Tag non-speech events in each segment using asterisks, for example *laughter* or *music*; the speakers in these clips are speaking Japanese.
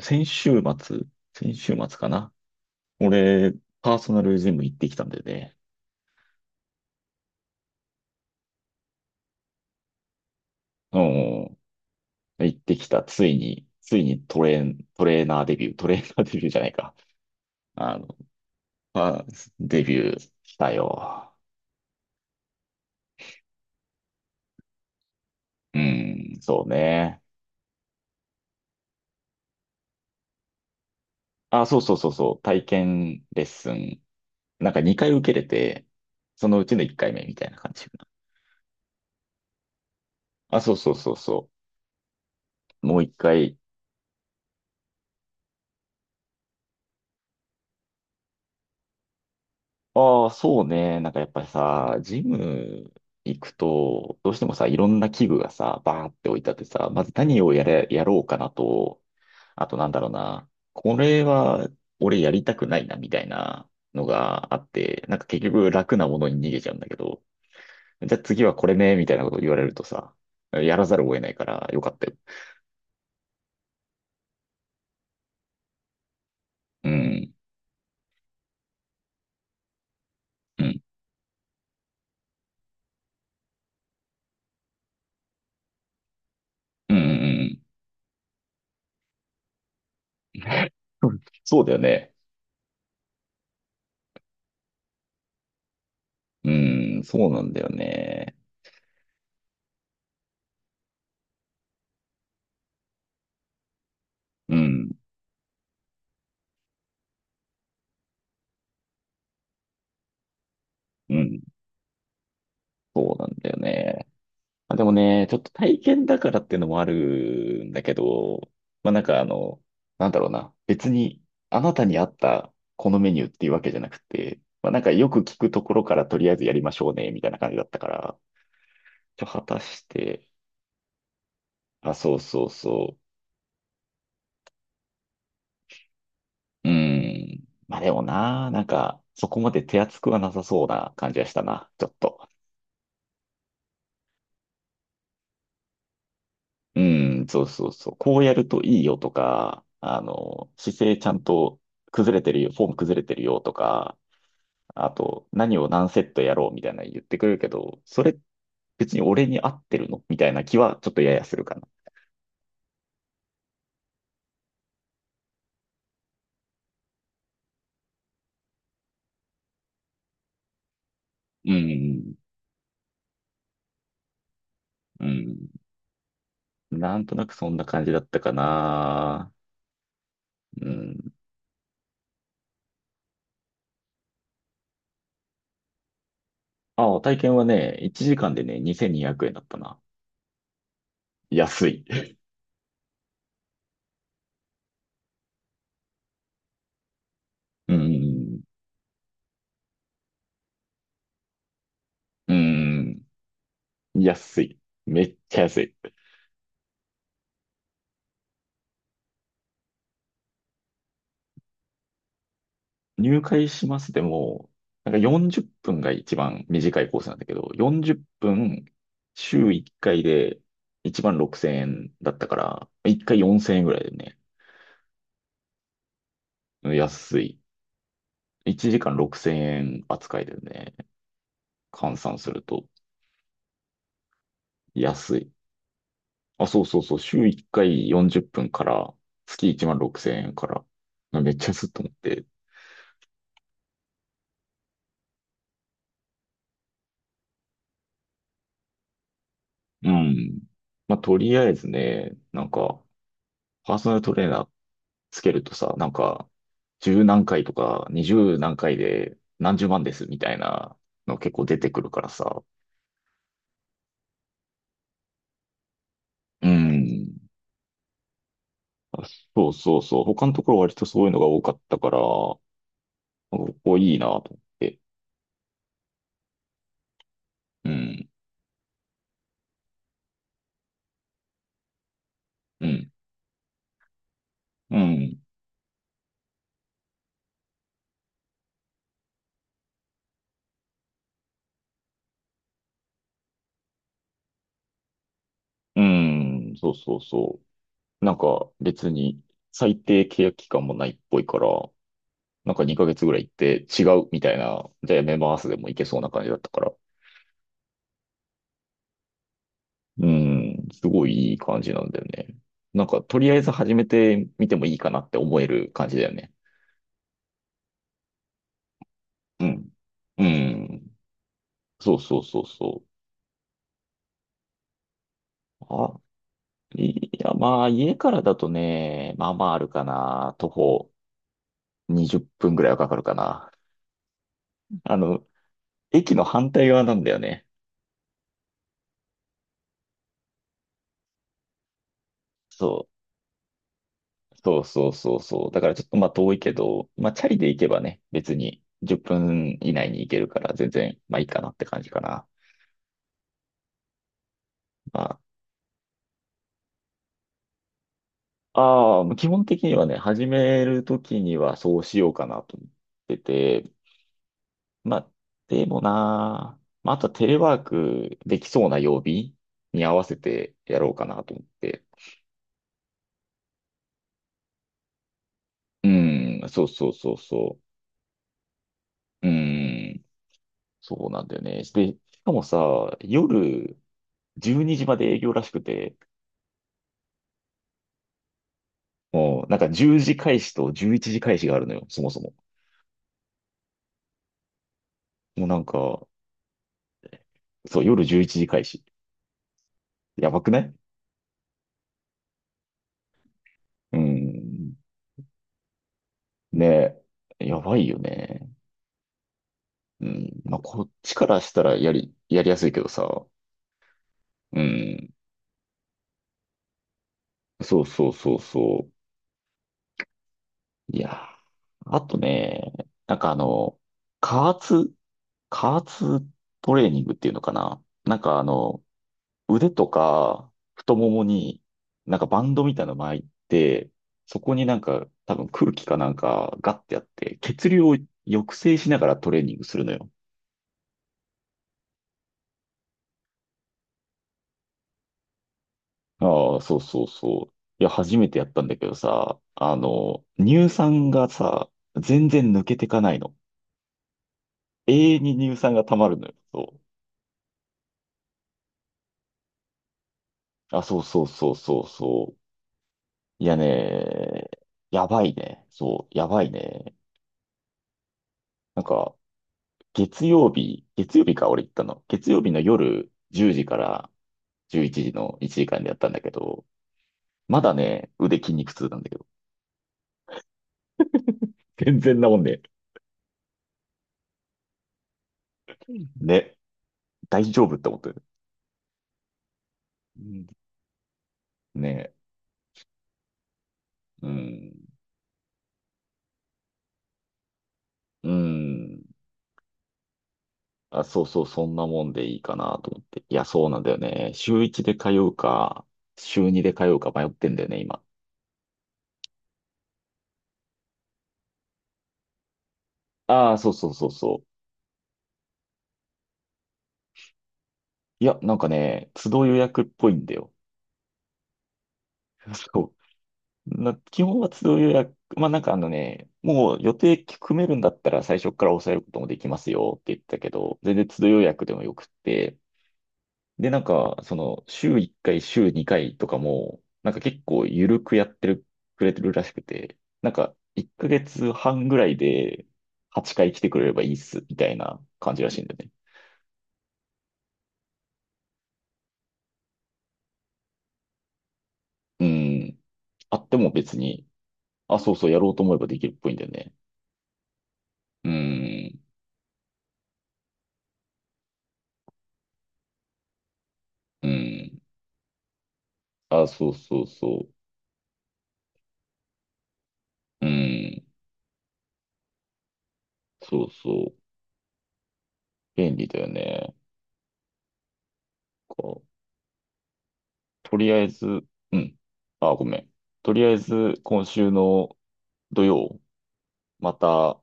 先週末、先週末かな。俺、パーソナルジム行ってきたんだよね。うん。行ってきた。ついに、ついにトレーナーデビュー、トレーナーデビューじゃないか。あの、パーデビューしたよ。うん、そうね。あ、そうそうそうそう、体験レッスン。なんか2回受けれて、そのうちの1回目みたいな感じかな。あ、そうそうそうそう。もう1回。ああ、そうね。なんかやっぱりさ、ジム行くと、どうしてもさ、いろんな器具がさ、バーって置いてあってさ、まず何をやれ、やろうかなと、あとなんだろうな、これは俺やりたくないな、みたいなのがあって、なんか結局楽なものに逃げちゃうんだけど、じゃあ次はこれね、みたいなこと言われるとさ、やらざるを得ないからよかったよ。うん、うん、うん、うん。うん、 *laughs* そうだよね。うん、そうなんだよね。うん、うん。そうなんだよね。あ、でもね、ちょっと体験だからっていうのもあるんだけど、まあなんかあの、なんだろうな、別にあなたに合ったこのメニューっていうわけじゃなくて、まあなんかよく聞くところからとりあえずやりましょうね、みたいな感じだったから、果たして、あ、そうそうそう。うーん。まあでもな、なんかそこまで手厚くはなさそうな感じがしたな、ちょっと。うん、そうそうそう。こうやるといいよとか、姿勢ちゃんと崩れてるよ、フォーム崩れてるよとか、あと、何を何セットやろうみたいなの言ってくるけど、それ別に俺に合ってるのみたいな気はちょっとややするかな。うん、うん。なんとなくそんな感じだったかな。うん。あ、体験はね、1時間でね、2200円だったな。安い。うん、うん、安い。めっちゃ安い。入会しますでも、なんか40分が一番短いコースなんだけど、40分週1回で1万6000円だったから、1回4000円ぐらいでね、安い。1時間6000円扱いでね、換算すると安い。あ、そうそうそう、週1回40分から、月1万6000円から、めっちゃ安いと思って。うん。まあ、とりあえずね、なんか、パーソナルトレーナーつけるとさ、なんか、十何回とか、二十何回で何十万ですみたいなの結構出てくるからさ。うん。あ、そうそうそう。他のところ割とそういうのが多かったから、なんかここいいなと思って。うん、うん、うん、うん、そうそうそう。なんか別に最低契約期間もないっぽいから、なんか2ヶ月ぐらい行って違うみたいな、じゃあやめますでもいけそうな感じだったから。うん、すごいいい感じなんだよね。なんか、とりあえず始めてみてもいいかなって思える感じだよね。うん。うん。そうそうそうそう。あ、いや、まあ、家からだとね、まあまああるかな。徒歩20分ぐらいはかかるかな。あの、駅の反対側なんだよね。そう。そうそうそうそう。だからちょっとまあ遠いけど、まあチャリで行けばね、別に10分以内に行けるから全然まあいいかなって感じかな。まあああ、基本的にはね、始めるときにはそうしようかなと思ってて、まあ、でもなあ、まあ、あとはテレワークできそうな曜日に合わせてやろうかなと思って。うん、そうそうそうそう。うん、そうなんだよね。で、しかもさ、夜12時まで営業らしくて、もうなんか10時開始と11時開始があるのよ、そもそも。もうなんか、そう、夜11時開始。やばくない？うん。ねえ、やばいよね。うん。まあ、こっちからしたらやりやすいけどさ。うん。そうそうそうそう。いやー、あとね、なんかあの、加圧、加圧トレーニングっていうのかな。腕とか太ももになんかバンドみたいなの巻いて、そこになんか多分空気かなんかガッてやって、血流を抑制しながらトレーニングするのよ。ああ、そうそうそう。いや、初めてやったんだけどさ、乳酸がさ、全然抜けてかないの。永遠に乳酸が溜まるのよ。そう。あ、そうそうそうそうそう。いやね、やばいね。そう、やばいね。なんか、月曜日、月曜日か、俺行ったの。月曜日の夜10時から11時の1時間でやったんだけど、まだね、腕筋肉痛なんだけど。全然なもんね。ね、大丈夫って思ってる。うん、ね、うん。うん。あ、そうそう、そんなもんでいいかなと思って。いや、そうなんだよね。週1で通うか、週2で通うか迷ってんだよね、今。ああ、そうそうそうそう。いや、なんかね、都度予約っぽいんだよ。*laughs* そう。基本は都度予約。まあ、なんかあのね、もう予定組めるんだったら最初から抑えることもできますよって言ってたけど、全然都度予約でもよくって、で、なんか、その、週1回、週2回とかも、なんか結構緩くやってる、くれてるらしくて、なんか、1ヶ月半ぐらいで8回来てくれればいいっす、みたいな感じらしいんだよね。うん。あっても別に、あ、そうそう、やろうと思えばできるっぽいんだよね。うん。うん。あ、そうそうそう。うん。そうそう。便利だよね。こう、とりあえず、うん。あ、ごめん。とりあえず、今週の土曜、また、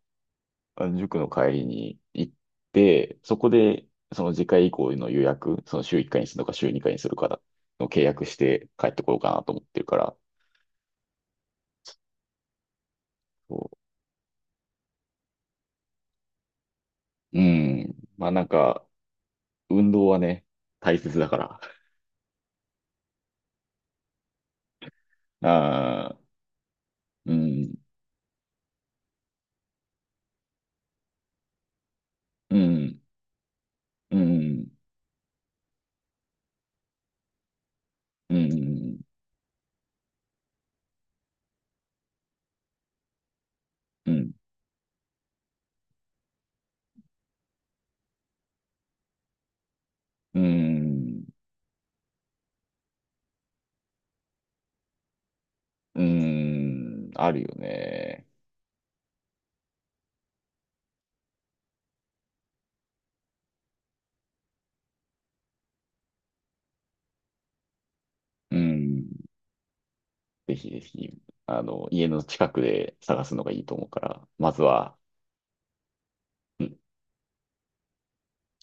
塾の帰りに行って、そこで、その次回以降の予約、その週1回にするのか週2回にするかの契約して帰ってこようかなと思ってるから。そう。うん。まあなんか、運動はね、大切だから。ああ、うん、うん、うん、うん、うん、うん、うん、あるよね。うん。ぜひぜひ、家の近くで探すのがいいと思うから、まずは、うん。